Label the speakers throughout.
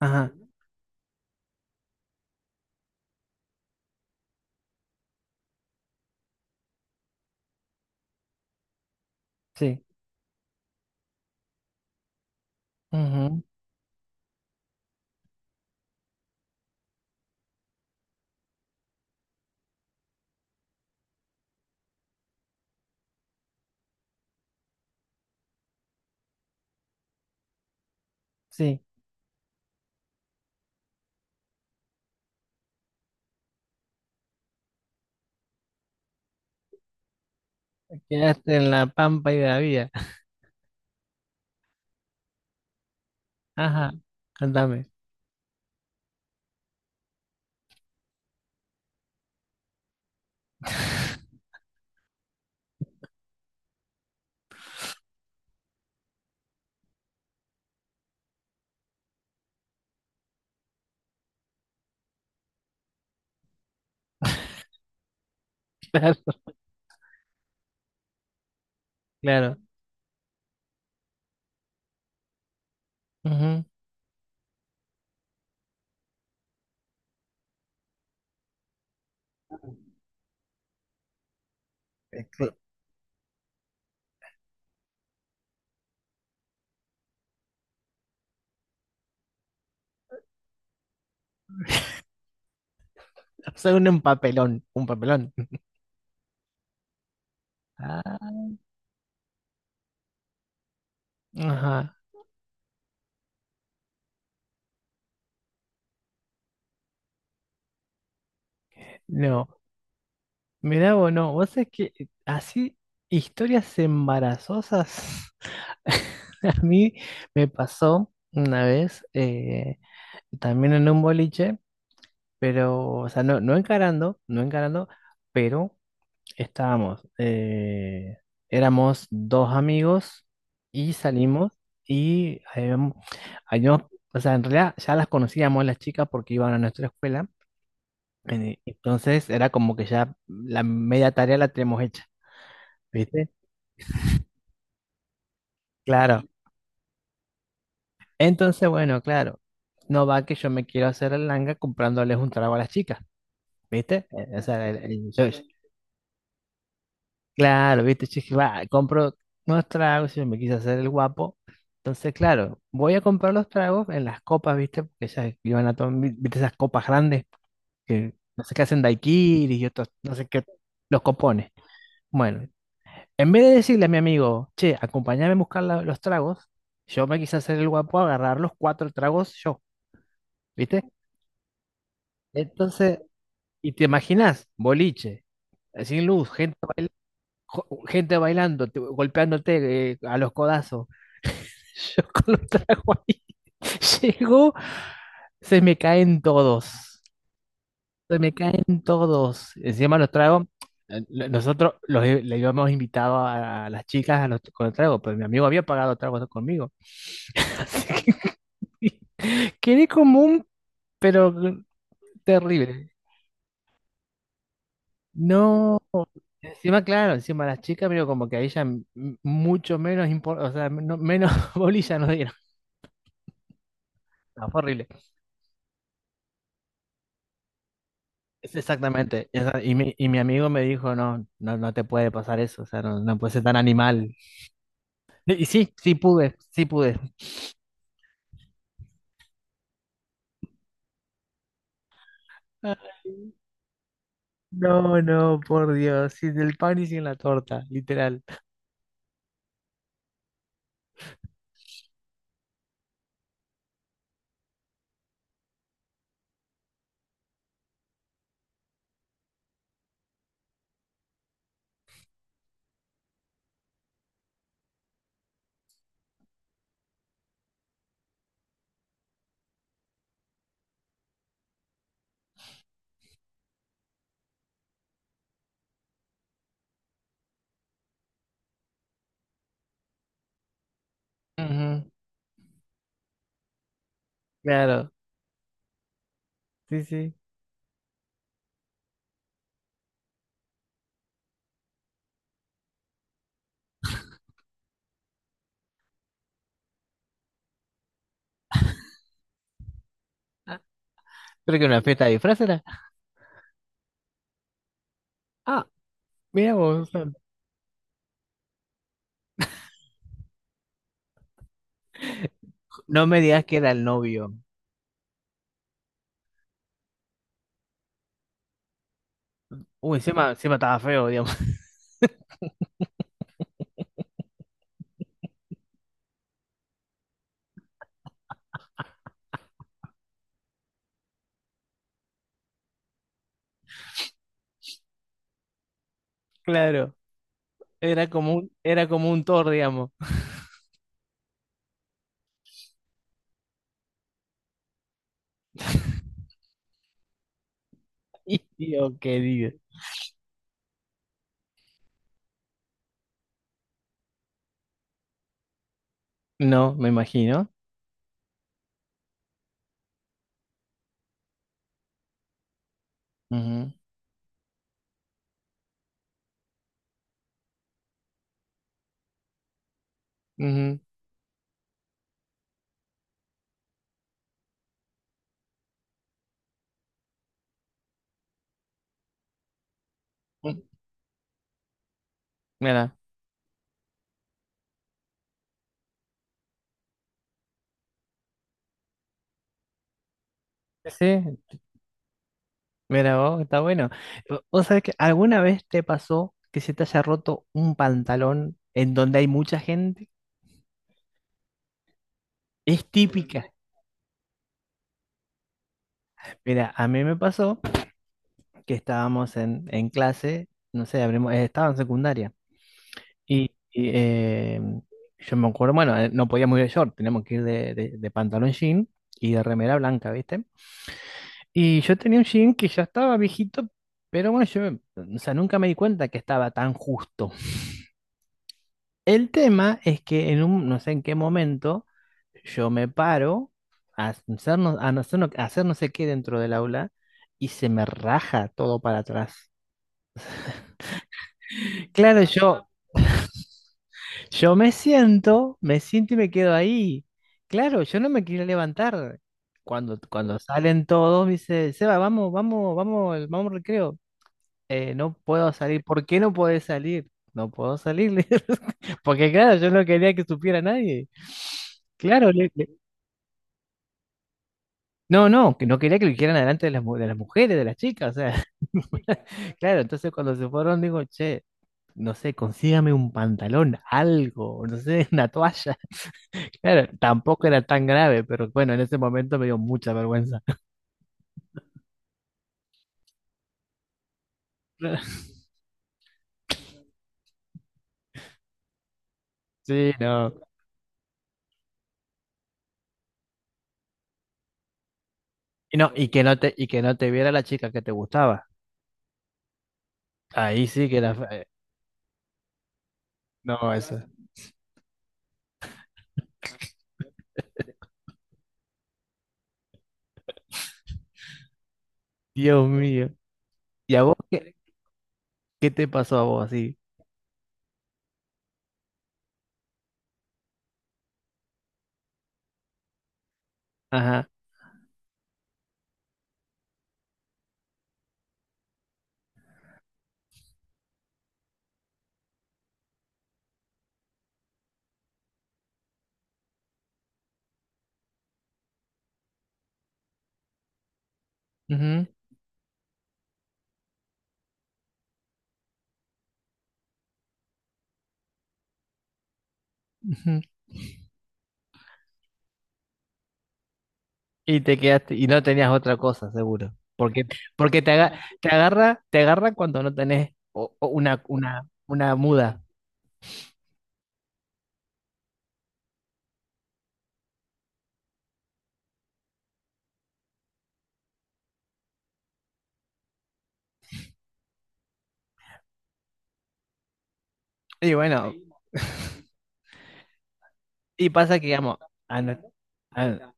Speaker 1: Ajá, sí. Ujú, sí. Quedaste en la pampa y de la vida. Ajá, contame. Claro, claro. Ujú. O sea, un papelón, un papelón. Ah, ajá, no. Mirá vos, no. Vos sabés que así, historias embarazosas. A mí me pasó una vez, también en un boliche, pero, o sea, no, no encarando, no encarando, pero. Estábamos, éramos dos amigos y salimos y habíamos- o sea, en realidad ya las conocíamos las chicas porque iban a nuestra escuela, entonces era como que ya la media tarea la tenemos hecha, ¿viste? Claro. Entonces, bueno, claro, no va que yo me quiero hacer el langa comprándoles un trago a las chicas, ¿viste? O sea, claro, viste, yo dije, va, compro unos tragos, yo me quise hacer el guapo. Entonces, claro, voy a comprar los tragos en las copas, viste, porque ellas iban a tomar, viste, esas copas grandes que no sé qué hacen daiquiris y otros, no sé qué, los copones. Bueno, en vez de decirle a mi amigo, che, acompáñame a buscar los tragos, yo me quise hacer el guapo, agarrar los cuatro tragos yo, viste. Entonces, y te imaginas, boliche, sin luz, gente bailando. Gente bailando, golpeándote a los codazos. Yo con los tragos ahí. Llego, se me caen todos. Se me caen todos. Encima los trago nosotros los, le íbamos invitado a las chicas a con el trago, pero mi amigo había pagado tragos conmigo. Así que quedé como un, pero terrible. No. Encima, claro, encima las chicas, pero como que a ella mucho menos, o sea, menos bolilla nos dieron. No, fue horrible. Es Exactamente. Y mi amigo me dijo, no, no, no te puede pasar eso, o sea, no, no puedes ser tan animal. Y sí, sí pude, sí pude. Ay, no, no, por Dios, sin el pan y sin la torta, literal. Ujú, claro, sí, sí. Ah, creo que una fiesta de disfraz era. Ah, mira vos, o sea, no me digas que era el novio. Uy, encima, encima estaba feo, digamos. Claro, era como un Thor, digamos. Dios querido. No, me imagino. Ujú, ujú. Mira, sí, mira vos, está bueno. ¿Vos sabés que alguna vez te pasó que se te haya roto un pantalón en donde hay mucha gente? Es típica. Mira, a mí me pasó que estábamos en clase, no sé, abrimos, estaba en secundaria. Y, y, eh, yo me acuerdo, bueno, no podíamos ir de short, teníamos que ir de pantalón jean y de remera blanca, ¿viste? Y yo tenía un jean que ya estaba viejito, pero bueno, yo, o sea, nunca me di cuenta que estaba tan justo. El tema es que en un, no sé en qué momento, yo me paro a hacer no, a no, hacer no a hacer no sé qué dentro del aula y se me raja todo para atrás. Claro, yo me siento y me quedo ahí. Claro, yo no me quería levantar. Cuando salen todos, me dice, Seba, vamos, vamos, vamos, vamos al recreo. No puedo salir. ¿Por qué no podés salir? No puedo salir. le Porque claro, yo no quería que supiera nadie. Claro, no, no, que no quería que lo hicieran adelante de las mujeres, de las chicas, o sea, claro, entonces cuando se fueron digo, che, no sé, consígame un pantalón, algo, no sé, una toalla. Claro, tampoco era tan grave, pero bueno, en ese momento me dio mucha vergüenza. Sí, no. Y no, y que no te, y que no te viera la chica que te gustaba. Ahí sí que era no, eso. Dios mío. ¿Y a vos qué, qué te pasó a vos así? Ajá. Ujú, ujú. Y te quedaste, y no tenías otra cosa, seguro. Porque te agarra, cuando no tenés o una, una muda. Y bueno, y pasa que, digamos, a nue- a-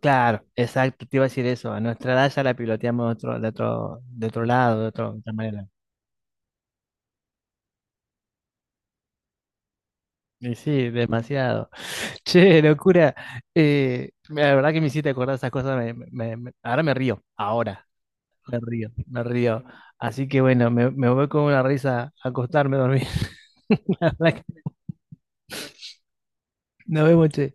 Speaker 1: claro, exacto, te iba a decir eso. A nuestra edad ya la piloteamos de otro lado, de otra manera. Y sí, demasiado. Che, locura. La verdad que me hiciste acordar esas cosas. Ahora me río, ahora me río, me río. Así que bueno, me voy con una risa a acostarme a dormir. Nos vemos, che.